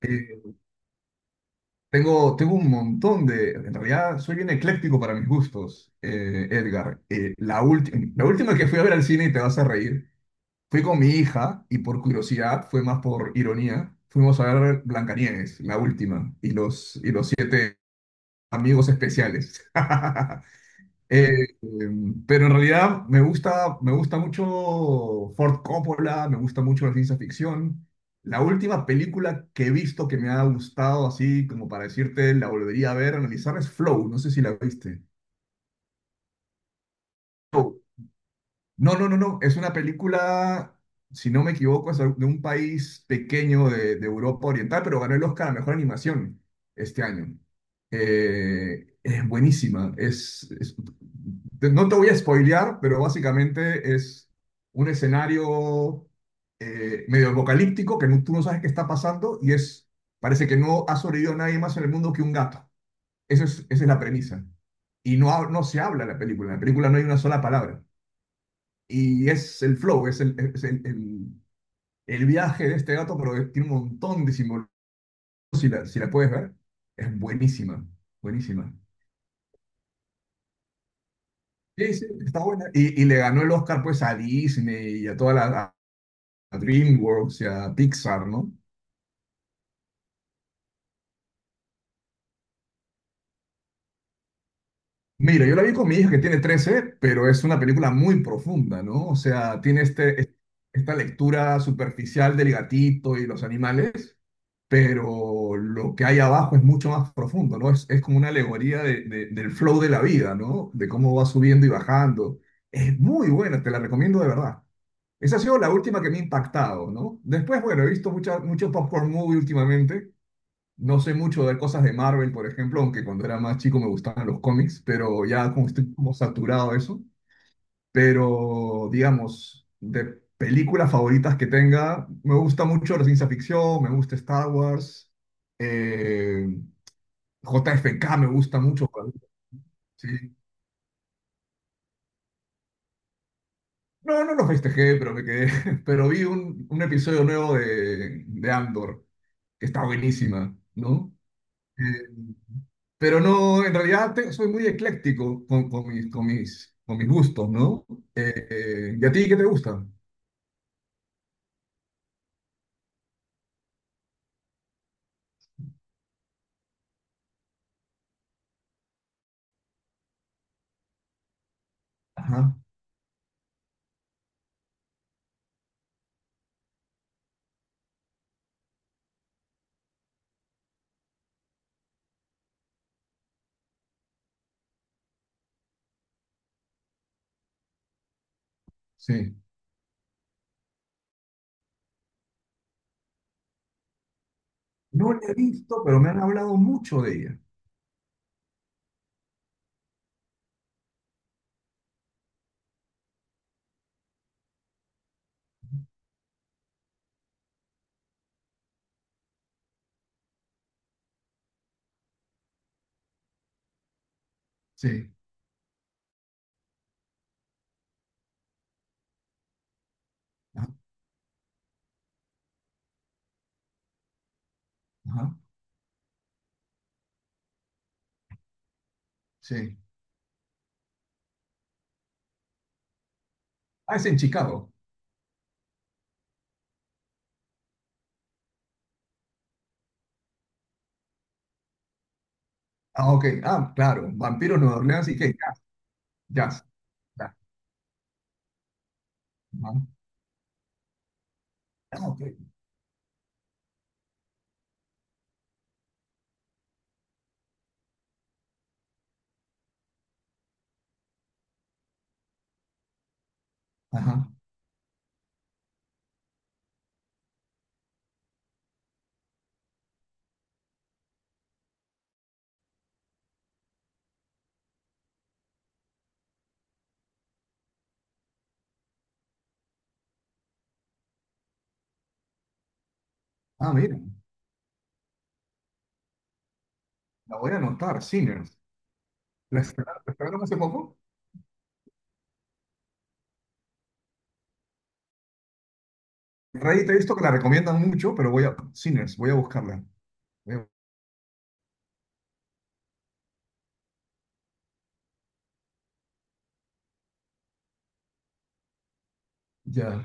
Eh, tengo un montón de... En realidad soy bien ecléctico para mis gustos, Edgar. La última que fui a ver al cine, y te vas a reír, fui con mi hija y por curiosidad, fue más por ironía, fuimos a ver Blancanieves, la última, y los siete amigos especiales. Pero en realidad me gusta mucho Ford Coppola, me gusta mucho la ciencia ficción. La última película que he visto que me ha gustado así, como para decirte, la volvería a ver, analizar, es Flow. No sé si la viste. Flow. No, no, no, no. Es una película, si no me equivoco, es de un país pequeño de Europa Oriental, pero ganó el Oscar a Mejor Animación este año. Es buenísima. Es, no te voy a spoilear, pero básicamente es un escenario medio apocalíptico que tú no sabes qué está pasando y es, parece que no ha sobrevivido nadie más en el mundo que un gato. Esa es la premisa. Y no, no se habla en la película. En la película no hay una sola palabra. Y es el flow, el viaje de este gato, pero tiene un montón de simbolismo. Si la puedes ver, es buenísima, buenísima. Sí, sí, está buena. Y le ganó el Oscar pues a Disney y a toda la a DreamWorks y a Pixar, ¿no? Mira, yo la vi con mi hija que tiene 13 pero es una película muy profunda, ¿no? O sea, tiene este, esta lectura superficial del gatito y los animales, pero lo que hay abajo es mucho más profundo, ¿no? Es como una alegoría del flow de la vida, ¿no? De cómo va subiendo y bajando. Es muy buena, te la recomiendo de verdad. Esa ha sido la última que me ha impactado, ¿no? Después, bueno, he visto mucho popcorn movie últimamente. No sé mucho de cosas de Marvel, por ejemplo, aunque cuando era más chico me gustaban los cómics, pero ya como estoy como saturado de eso, pero digamos, de películas favoritas que tenga, me gusta mucho la ciencia ficción, me gusta Star Wars, eh, J F K. me gusta mucho, sí. No, no lo festejé, pero me quedé, pero vi un episodio nuevo de Andor, que está buenísima, ¿no? Eh, pero no, en realidad soy muy ecléctico con mis gustos, ¿no? ¿Y a ti qué te gusta? Ajá, sí. No la he visto, pero me han hablado mucho de ella. Sí, ajá, ajá, sí. Ah, es en Chicago. Ah, ok. Ah, claro. Vampiros Nueva Orleans y que jazz, jazz, jazz. Ajá. Ah, ok. Ajá. Ah, mira. La voy a anotar. Sinners. ¿La estrenaron hace poco? Rey, te he visto que la recomiendan mucho, pero voy a... Sinners, voy a buscarla. Voy a- Ya.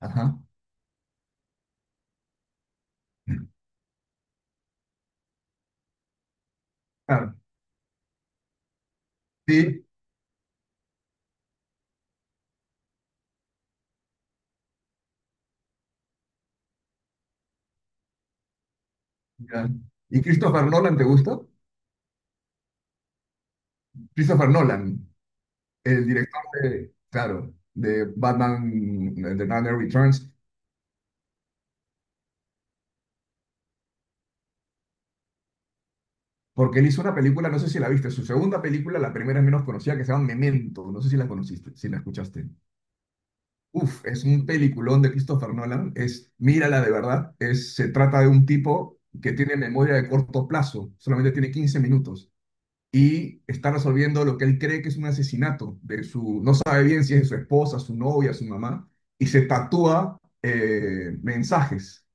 Ajá. Claro. Sí. Ya. ¿Y Christopher Nolan te gusta? Christopher Nolan. El director de, claro, de Batman, de Dark Knight Returns, porque él hizo una película, no sé si la viste, su segunda película, la primera es menos conocida, que se llama Memento, no sé si la conociste, si la escuchaste. Uf, es un peliculón de Christopher Nolan, es, mírala de verdad, es, se trata de un tipo que tiene memoria de corto plazo, solamente tiene 15 minutos, y está resolviendo lo que él cree que es un asesinato de su, no sabe bien si es de su esposa, su novia, su mamá, y se tatúa mensajes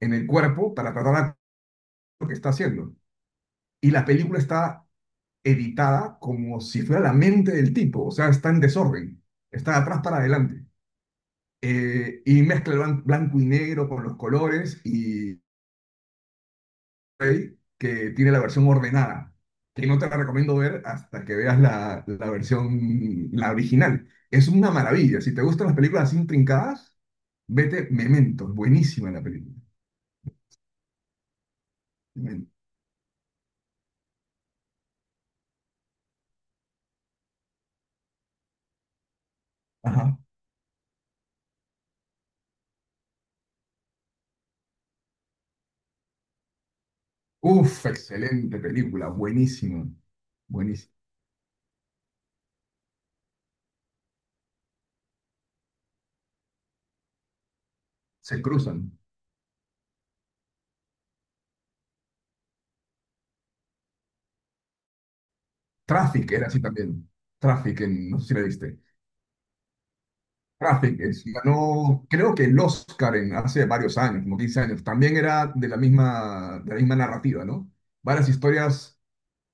en el cuerpo para tratar lo que está haciendo. Y la película está editada como si fuera la mente del tipo, o sea, está en desorden, está de atrás para adelante. Y mezcla blanco y negro con los colores y blu que tiene la versión ordenada. Y no te la recomiendo ver hasta que veas la versión, la original. Es una maravilla. Si te gustan las películas así intrincadas, vete Memento. Buenísima la película. Memento. Ajá. Uf, excelente película. Buenísima. Buenísima. Se cruzan. Traffic era así también. Traffic, no sé si la viste. Rafik ganó, creo que el Oscar en, hace varios años, como 15 años. También era de la misma narrativa, ¿no? Varias historias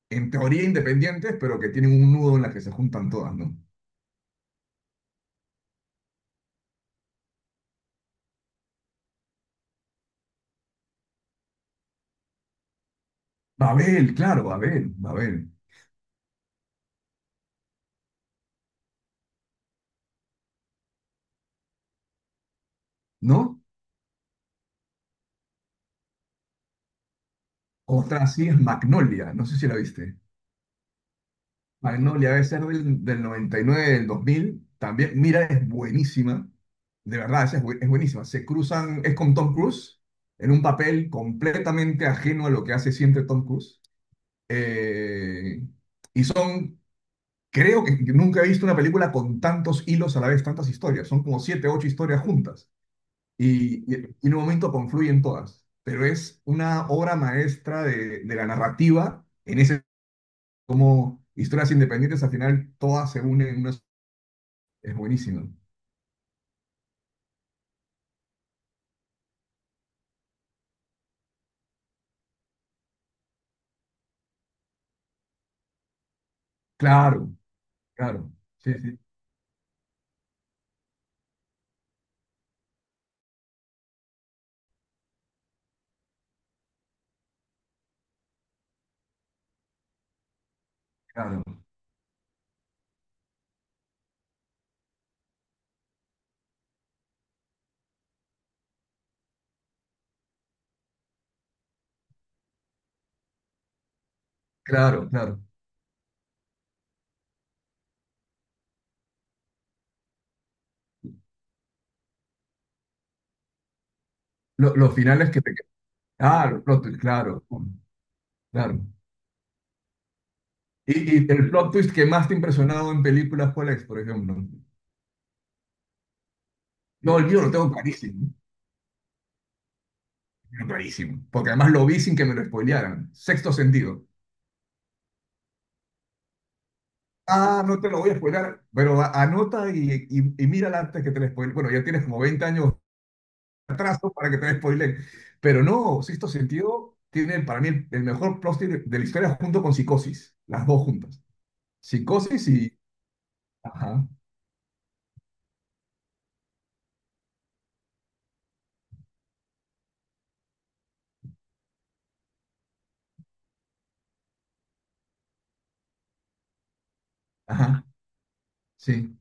en teoría independientes, pero que tienen un nudo en la que se juntan todas, ¿no? Babel, claro, Babel, Babel, ¿no? Otra así es Magnolia, no sé si la viste. Magnolia debe ser del 99 del 2000. También, mira, es buenísima. De verdad, esa es, es buenísima. Se cruzan, es con Tom Cruise, en un papel completamente ajeno a lo que hace siempre Tom Cruise. Eh, y son, creo que nunca he visto una película con tantos hilos a la vez, tantas historias. Son como siete, ocho historias juntas. En un momento confluyen todas. Pero es una obra maestra de la narrativa en ese, como historias independientes, al final todas se unen en una. Es buenísimo. Claro, claro. Sí, sí, claro. Claro, claro. Los finales que te. Claro, claro. Claro. Y, y el plot twist que más te ha impresionado en películas, ¿cuál es, por ejemplo? No, el mío lo tengo clarísimo, lo clarísimo, porque además lo vi sin que me lo spoilearan. Sexto sentido. Ah, no te lo voy a spoilear, pero anota y mírala antes que te la spoile. Bueno, ya tienes como 20 años de atraso para que te la spoilen. Pero no, Sexto sentido tiene para mí el mejor plot twist de la historia junto con Psicosis, las dos juntas. Psicosis y... Ajá, ajá, sí.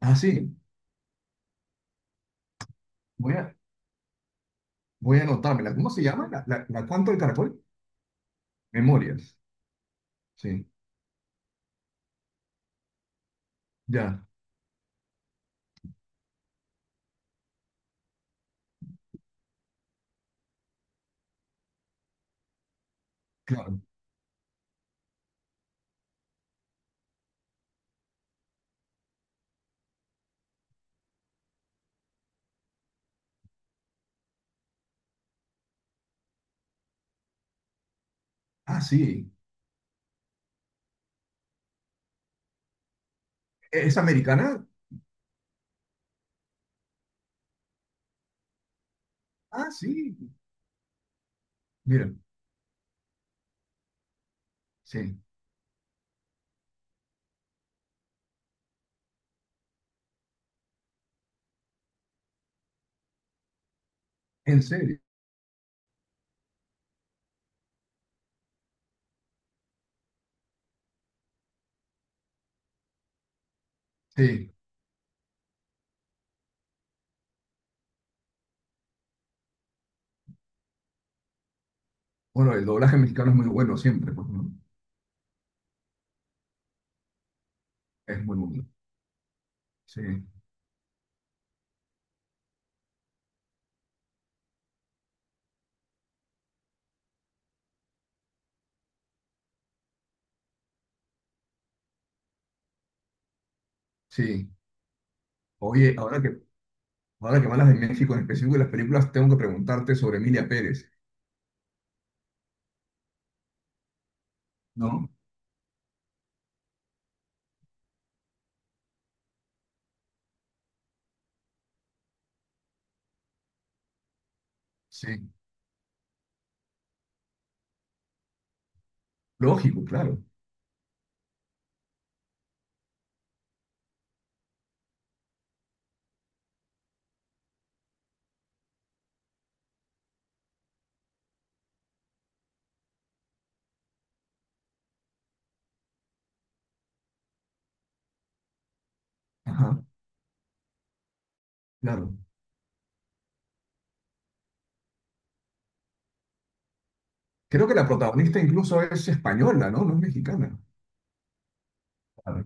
Ah, sí, voy a, voy a anotármela. ¿Cómo se llama? ¿La, la, la cuánto del caracol? Memorias, sí, ya, claro. Ah, sí, ¿es americana? Ah, sí, mira, sí, en serio, sí. Bueno, el doblaje mexicano es muy bueno siempre, pues, ¿no? Es muy bueno, sí, sí. Oye, ahora que hablas de México, en específico y las películas, tengo que preguntarte sobre Emilia Pérez, ¿no? Sí, lógico, claro, ajá, claro. Creo que la protagonista incluso es española, ¿no? No es mexicana. Claro,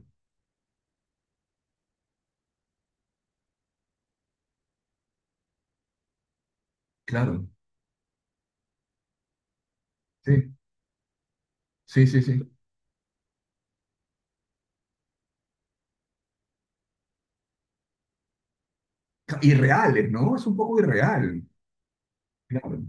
claro, sí, sí, sí, sí. Irreales, ¿no? Es un poco irreal, claro.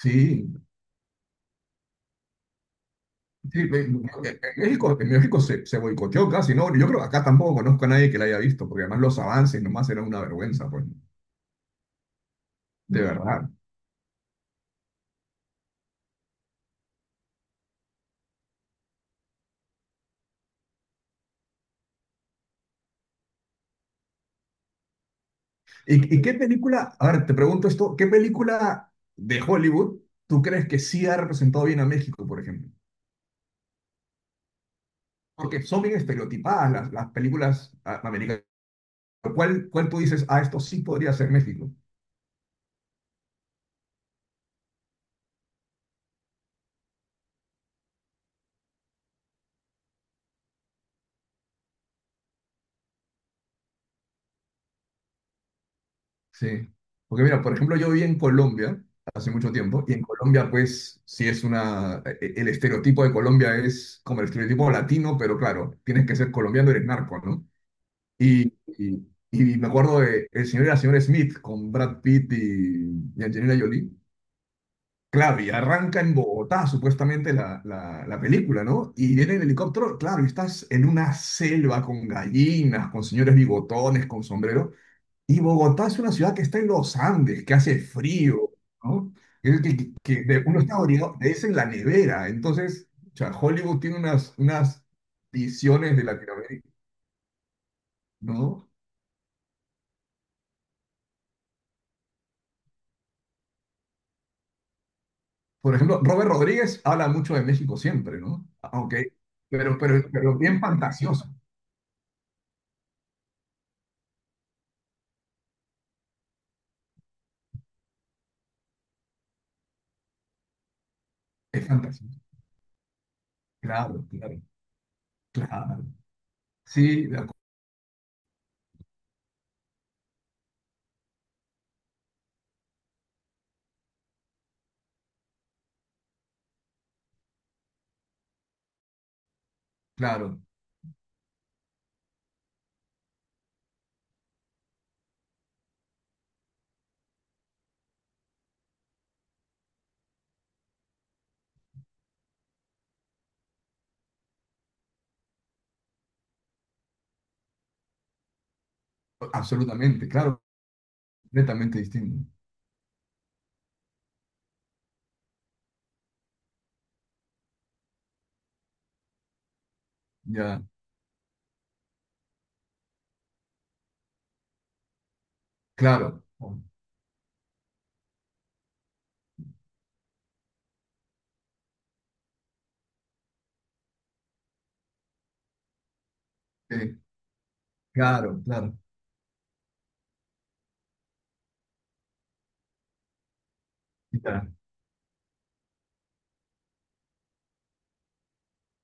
Sí, sí, en México se, se boicoteó casi, ¿no? Yo creo que acá tampoco conozco a nadie que la haya visto, porque además los avances nomás eran una vergüenza, pues, de verdad. Y qué película, a ver, te pregunto esto, ¿qué película de Hollywood tú crees que sí ha representado bien a México, por ejemplo? Porque son bien estereotipadas las películas ah, americanas. ¿Cuál, cuál tú dices, ah, esto sí podría ser México? Sí, porque mira, por ejemplo, yo viví en Colombia hace mucho tiempo y en Colombia pues sí es una, el estereotipo de Colombia es como el estereotipo latino, pero claro, tienes que ser colombiano, eres narco, ¿no? Y me acuerdo de el señor y la señora Smith con Brad Pitt y Angelina Jolie. Claro, y arranca en Bogotá supuestamente la película, ¿no? Y viene en helicóptero, claro, y estás en una selva con gallinas, con señores bigotones, con sombreros. Y Bogotá es una ciudad que está en los Andes, que hace frío, ¿no? Es que, uno está abrigado, es en la nevera. Entonces, o sea, Hollywood tiene unas, unas visiones de Latinoamérica, ¿no? Por ejemplo, Robert Rodríguez habla mucho de México siempre, ¿no? Aunque, pero bien fantasioso. Es fantasioso. Claro, claro, claro. Sí, claro, absolutamente, claro, completamente distinto. Ya, claro, sí, claro, claro. Ya,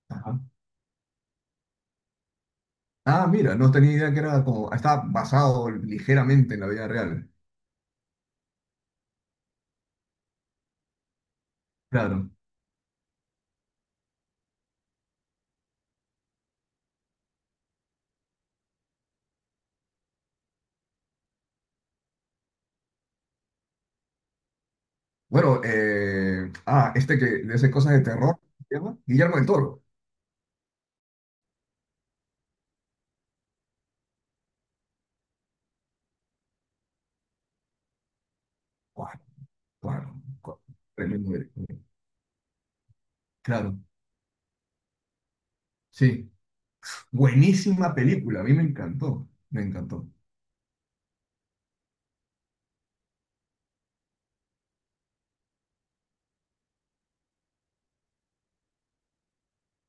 ajá. Ah, mira, no tenía idea que era como, está basado ligeramente en la vida real. Claro. Bueno, este que le hace cosas de terror, ¿se llama? Guillermo del Toro. Claro, claro, claro. Tremendo director. Claro, sí. Buenísima película, a mí me encantó, me encantó.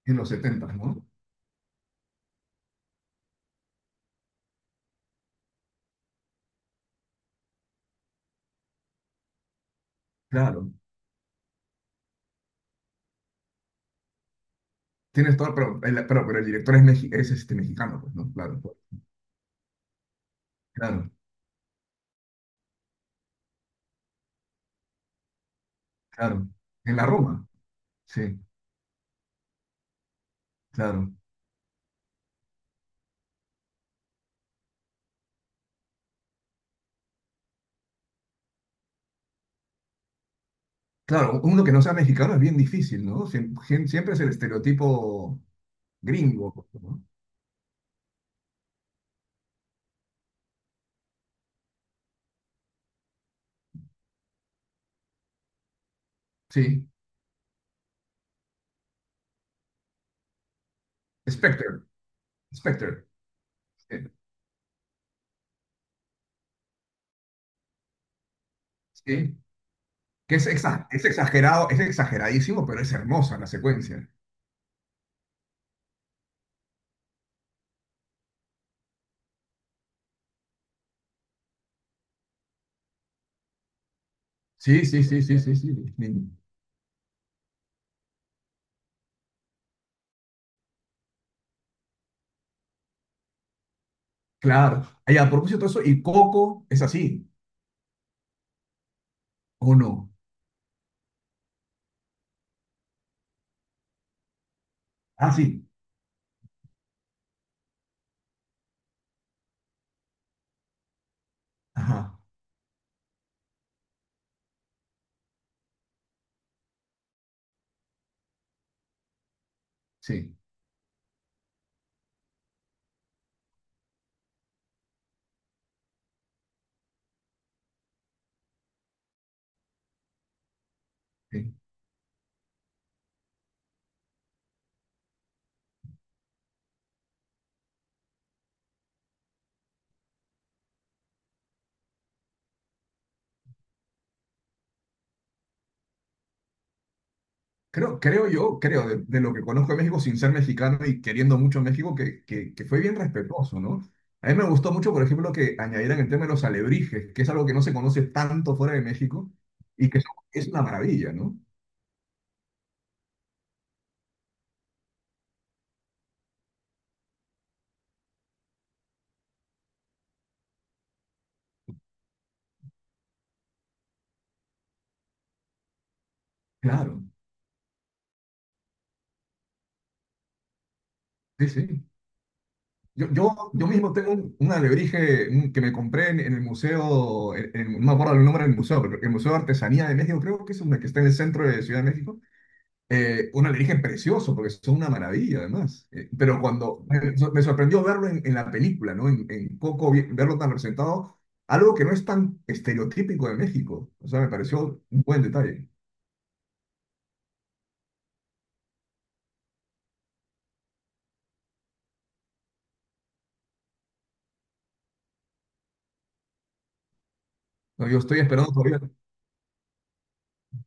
En los 70, ¿no? Claro. Tienes todo, pero el, pero el director es, es este, mexicano, pues, ¿no? Claro, claro, claro. En la Roma, sí, claro. Claro, uno que no sea mexicano es bien difícil, ¿no? Siempre, es el estereotipo gringo, ¿no? Sí, Spectre, Spectre, eh, sí, que es, es exagerado, es exageradísimo, pero es hermosa la secuencia. Sí, sí, sí, sí, sí, sí, Ni- claro. Ay, a propósito de eso, ¿y Coco es así o no? Ah, sí, ajá, sí, sí. Creo, creo yo, creo, de lo que conozco de México sin ser mexicano y queriendo mucho México, que fue bien respetuoso, ¿no? A mí me gustó mucho, por ejemplo, que añadieran el tema de los alebrijes, que es algo que no se conoce tanto fuera de México y que es una maravilla, ¿no? Claro, sí, sí. Yo mismo tengo un alebrije que me compré en el museo, no me acuerdo el nombre del museo, pero el Museo de Artesanía de México, creo que es una que está en el centro de Ciudad de México. Un alienígena precioso, porque son una maravilla además. Pero cuando me sorprendió verlo en la película, ¿no? En Coco, verlo tan representado, algo que no es tan estereotípico de México. O sea, me pareció un buen detalle. No, yo estoy esperando todavía,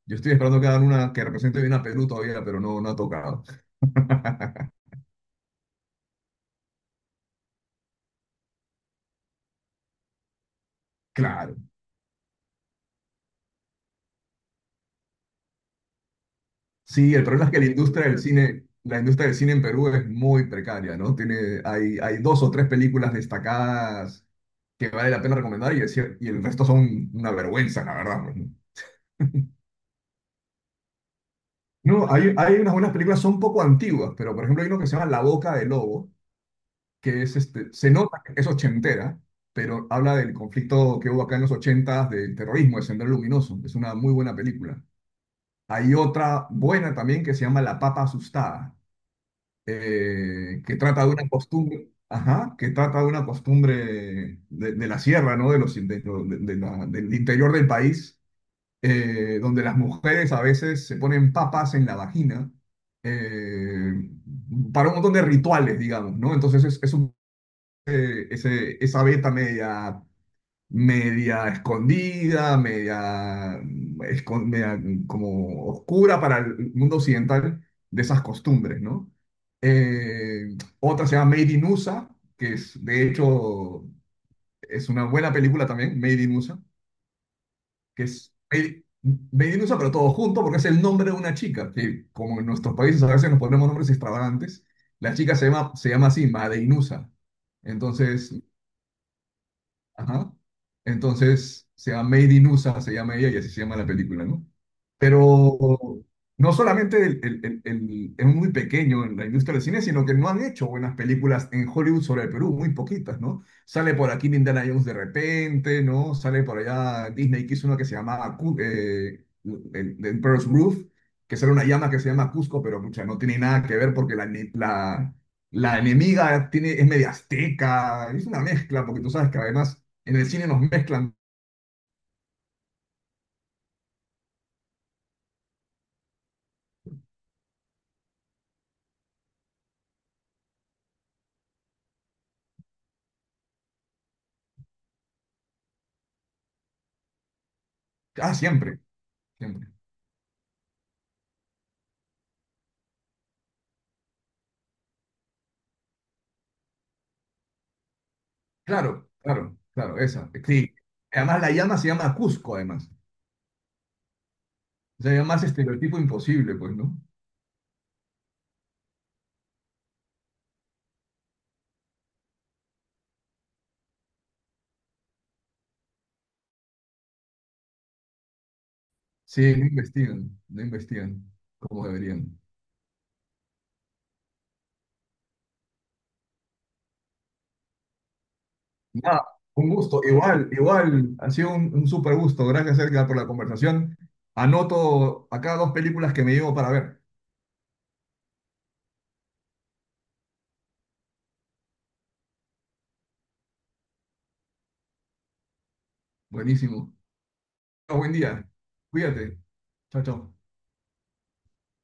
yo estoy esperando que hagan una que represente bien a Perú todavía, pero no, no ha tocado. Claro. Sí, el problema es que la industria del cine, la industria del cine en Perú es muy precaria, ¿no? Tiene, hay dos o tres películas destacadas que vale la pena recomendar y y el resto son una vergüenza, la verdad, pues, ¿no? No, hay unas buenas películas, son un poco antiguas, pero por ejemplo hay uno que se llama La Boca del Lobo, que es este, se nota que es ochentera, pero habla del conflicto que hubo acá en los ochentas, del terrorismo, de Sendero Luminoso. Es una muy buena película. Hay otra buena también que se llama La Papa Asustada, que trata de una costumbre, ajá, que trata de una costumbre de la sierra, ¿no? De los, del interior del país, donde las mujeres a veces se ponen papas en la vagina, eh, para un montón de rituales, digamos, ¿no? Entonces esa beta media, media escondida, media, media, como oscura para el mundo occidental, de esas costumbres, ¿no? Otra se llama Made in USA, que es, de hecho, es una buena película también, Made in USA, que es Made, Made in USA, pero todo junto, porque es el nombre de una chica, que como en nuestros países a veces nos ponemos nombres extravagantes, la chica se llama así, Made in USA. Entonces, ajá. Entonces, se llama Made in USA, se llama ella y así se llama la película, ¿no? Pero no solamente es muy pequeño en la industria del cine, sino que no han hecho buenas películas en Hollywood sobre el Perú, muy poquitas, ¿no? Sale por aquí Indiana Jones de repente, ¿no? Sale por allá Disney, que hizo una que se llamaba el Pearl's Groove, que sale una llama que se llama Cusco, pero mucha, no tiene nada que ver porque la enemiga tiene, es media azteca, es una mezcla, porque tú sabes que además en el cine nos mezclan. Ah, siempre, siempre. Claro, claro, claro, esa. Sí. Además, la llama se llama Cusco, además. O sea, más estereotipo imposible, pues, ¿no? Sí, no investigan, no investigan como deberían. Nada, un gusto. Igual, igual, ha sido un súper gusto. Gracias, Edgar, por la conversación. Anoto acá dos películas que me llevo para ver. Buenísimo. Buen día. Cuídate. Chao, chao.